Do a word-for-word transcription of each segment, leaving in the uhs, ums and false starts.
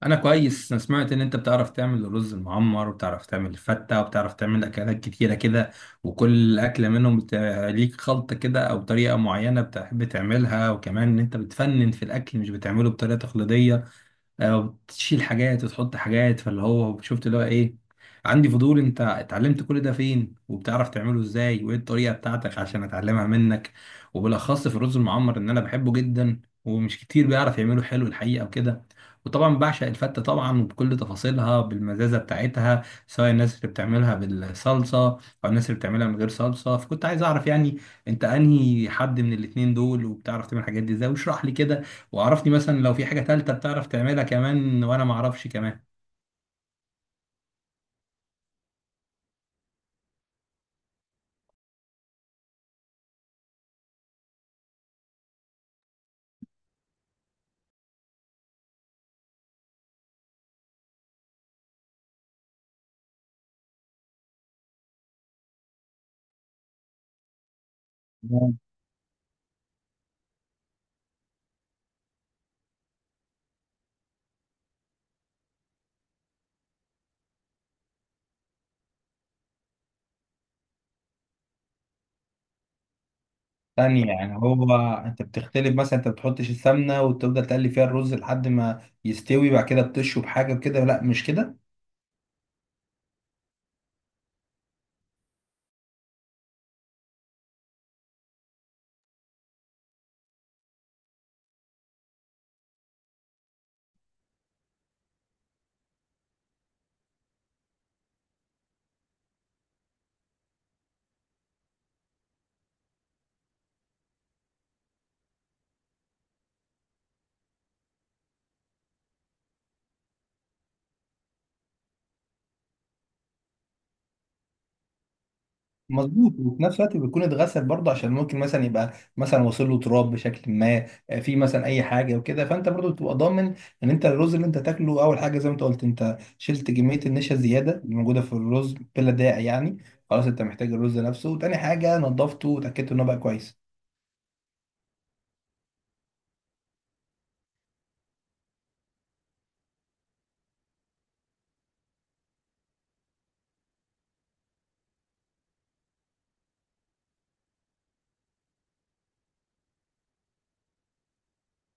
انا كويس. انا سمعت ان انت بتعرف تعمل الرز المعمر، وبتعرف تعمل الفتة، وبتعرف تعمل اكلات كتيرة كده، وكل اكلة منهم بت- ليك خلطة كده او طريقة معينة بتحب تعملها، وكمان ان انت بتفنن في الاكل، مش بتعمله بطريقة تقليدية، وتشيل حاجات وتحط حاجات، فاللي هو شفت اللي هو ايه. عندي فضول، انت اتعلمت كل ده فين، وبتعرف تعمله ازاي، وايه الطريقة بتاعتك عشان اتعلمها منك؟ وبالاخص في الرز المعمر، ان انا بحبه جدا ومش كتير بيعرف يعمله حلو الحقيقة وكده. وطبعا بعشق الفتة طبعا، وبكل تفاصيلها بالمزازة بتاعتها، سواء الناس اللي بتعملها بالصلصة او الناس اللي بتعملها من غير صلصة. فكنت عايز اعرف يعني انت انهي حد من الاتنين دول، وبتعرف تعمل الحاجات دي ازاي، واشرح لي كده. وعرفني مثلا لو في حاجة تالتة بتعرف تعملها كمان وانا ما اعرفش كمان ثانية. يعني هو انت بتختلف مثلا، انت بتحطش السمنة وتفضل تقلي فيها الرز لحد ما يستوي، بعد كده بتشرب حاجة كده؟ لا مش كده. مظبوط، وفي نفس الوقت بيكون اتغسل برضه، عشان ممكن مثلا يبقى مثلا واصل له تراب بشكل ما، آه، في مثلا اي حاجه وكده. فانت برضه بتبقى ضامن ان انت الرز اللي انت تاكله، اول حاجه زي ما انت قلت، انت شلت كميه النشا الزياده اللي موجوده في الرز بلا داعي يعني. خلاص، انت محتاج الرز نفسه. وتاني حاجه نظفته وتاكدت انه بقى كويس.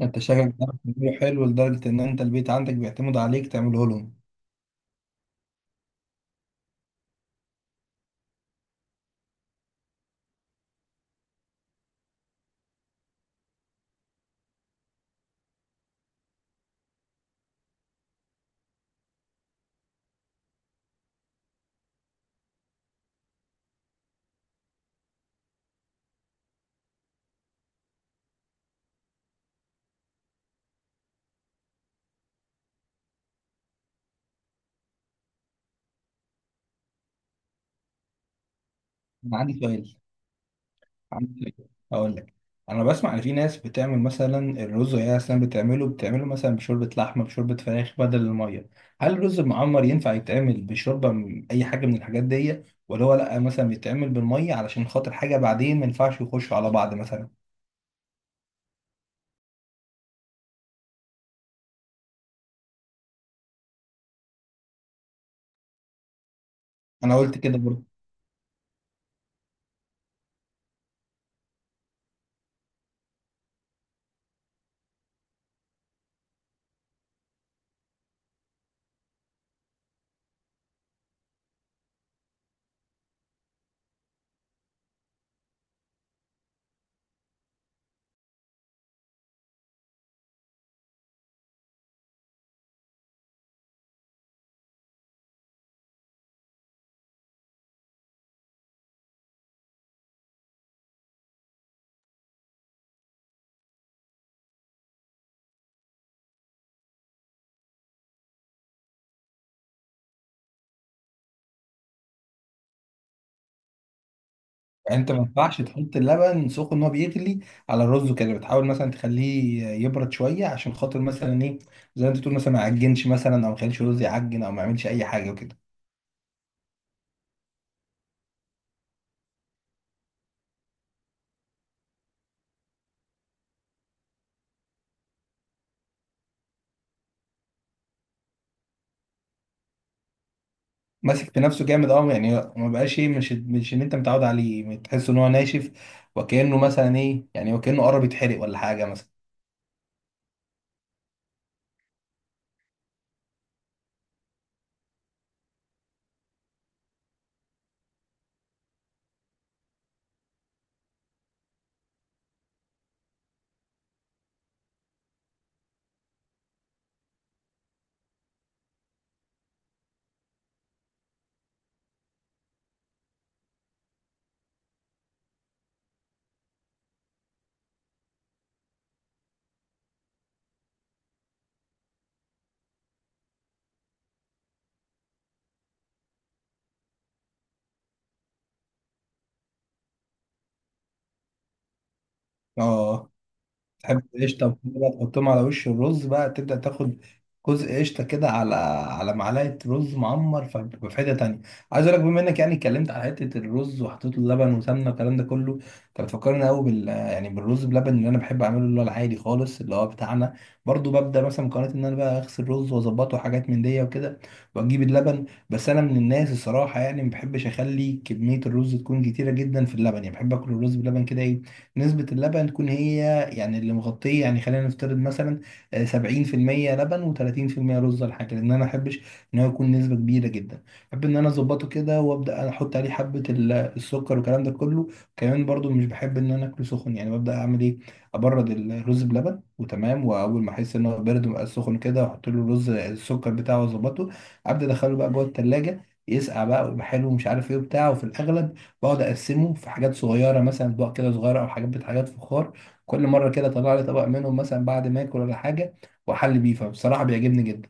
انت شكلك بتعرف تعمله حلو لدرجه ان انت البيت عندك بيعتمد عليك تعمله لهم. انا عندي سؤال. عندك؟ اقول لك، انا بسمع ان في ناس بتعمل مثلا الرز وهي اصلا بتعمله بتعمله مثلا بشوربه لحمه، بشوربه فراخ، بدل الميه. هل الرز المعمر ينفع يتعمل بشوربه من اي حاجه من الحاجات دي؟ ولا هو لا، مثلا بيتعمل بالميه علشان خاطر حاجه بعدين ما ينفعش يخشوا على بعض مثلا؟ انا قلت كده برضه. يعني انت ما ينفعش تحط اللبن سخن وهو بيغلي على الرز كده، بتحاول مثلا تخليه يبرد شويه عشان خاطر مثلا ايه، زي ما انت تقول، مثلا ما يعجنش مثلا، او ما يخليش الرز يعجن، او ما يعملش اي حاجه وكده. ماسك في نفسه جامد، اه. يعني ما بقاش ايه، مش مش ان انت متعود عليه، تحس ان هو ناشف، وكأنه مثلا ايه يعني، وكأنه قرب يتحرق ولا حاجة مثلا. اه. تحب القشطة وكده بقى، تحطهم على وش الرز بقى، تبدأ تاخد جزء قشطة كده على على معلقة رز معمر. فبيبقى في حتة تانية عايز أقول لك. بما إنك يعني اتكلمت على حتة الرز وحطيت له لبن وسمنة والكلام ده كله، أنت بتفكرني قوي بال يعني بالرز بلبن اللي أنا بحب أعمله، اللي هو العادي خالص اللي هو بتاعنا. برضو ببدأ مثلا مقارنة، إن أنا بقى أغسل الرز وأظبطه حاجات من دي وكده، وأجيب اللبن. بس أنا من الناس الصراحة يعني ما بحبش أخلي كمية الرز تكون كتيرة جدا في اللبن. يعني بحب آكل الرز بلبن كده إيه، نسبة اللبن تكون هي يعني اللي مغطية. يعني خلينا نفترض مثلا آه، سبعين في المية لبن وتلاتين في المية رز ولا حاجة، لأن أنا محبش إن هو يكون نسبة كبيرة جدا. بحب إن أنا أظبطه كده، وأبدأ أحط عليه حبة ال- السكر والكلام ده كله. كمان برضو مش بحب إن أنا أكله سخن. يعني ببدأ أعمل إيه، أبرد الرز بلبن وتمام، وأول ما أحس إن هو بارد ومبقاش سخن كده، أحط له الرز السكر بتاعه وأظبطه. أبدأ أدخله بقى جوه التلاجة يسقع بقى، ويبقى حلو ومش عارف إيه وبتاع. وفي الأغلب بقعد اقسمه في حاجات صغيره، مثلا اطباق كده صغيره، او حاجات حاجات فخار. كل مره كده طلع لي طبق منهم مثلا بعد ما اكل ولا حاجه، واحل بيه. فبصراحه بيعجبني جدا.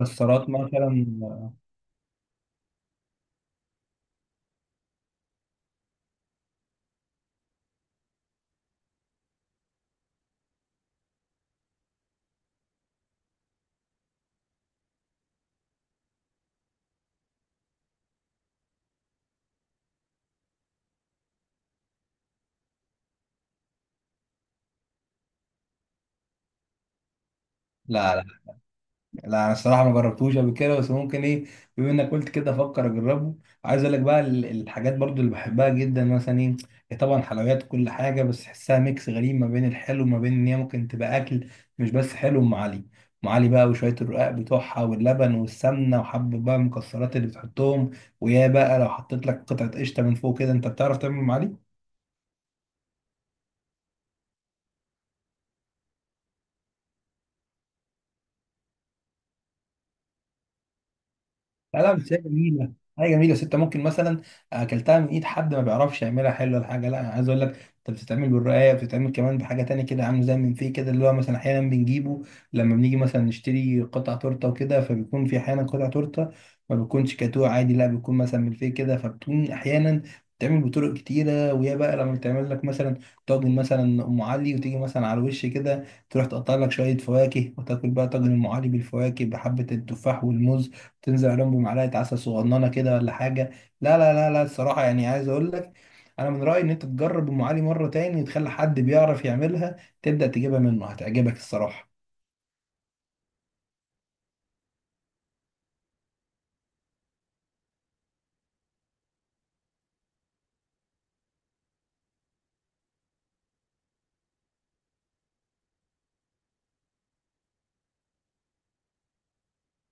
السلطات مثلا. لا لا، انا الصراحه ما جربتوش قبل كده، بس ممكن ايه، بما انك قلت كده افكر اجربه. عايز اقول لك بقى، ال- الحاجات برضو اللي بحبها جدا مثلا ايه، هي طبعا حلويات، كل حاجه بس تحسها ميكس غريب ما بين الحلو وما بين ان هي ممكن تبقى اكل، مش بس حلو. ام علي. ام علي بقى وشويه الرقاق بتوعها واللبن والسمنه وحبه بقى المكسرات اللي بتحطهم، ويا بقى لو حطيت لك قطعه قشطه من فوق كده. انت بتعرف تعمل ام علي؟ لا لا، بس هي جميلة. هي جميلة، بس انت ممكن مثلا اكلتها من ايد حد ما بيعرفش يعملها حلوة ولا حاجة. لا، أنا عايز اقول لك، انت بتتعمل بالرقاية، بتتعمل كمان بحاجة تانية كده عامل زي من فيه كده، اللي هو مثلا احيانا بنجيبه لما بنيجي مثلا نشتري قطع تورتة وكده، فبيكون في احيانا قطع تورتة ما بيكونش كاتوه عادي، لا بيكون مثلا من فيه كده. فبتكون احيانا بتعمل بطرق كتيرة. وهي بقى لما بتعمل لك مثلا طاجن مثلا ام علي، وتيجي مثلا على الوش كده تروح تقطع لك شوية فواكه، وتاكل بقى طاجن ام علي بالفواكه بحبة التفاح والموز، تنزل عليهم بمعلقه عسل صغننه كده ولا حاجه. لا لا لا لا، الصراحه يعني عايز اقول لك، انا من رايي ان انت تجرب ام علي مره تاني، وتخلي حد بيعرف يعملها تبدا تجيبها منه، هتعجبك الصراحه.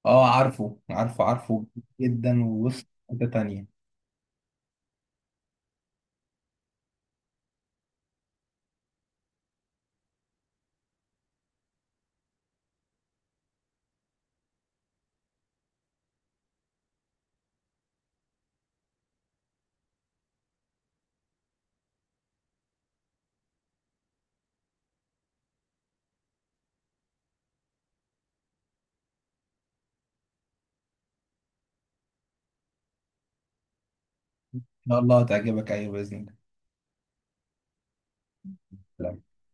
اه عارفه عارفه عارفه جدا. وبص حته تانيه ان شاء الله هتعجبك، ايوه باذن الله.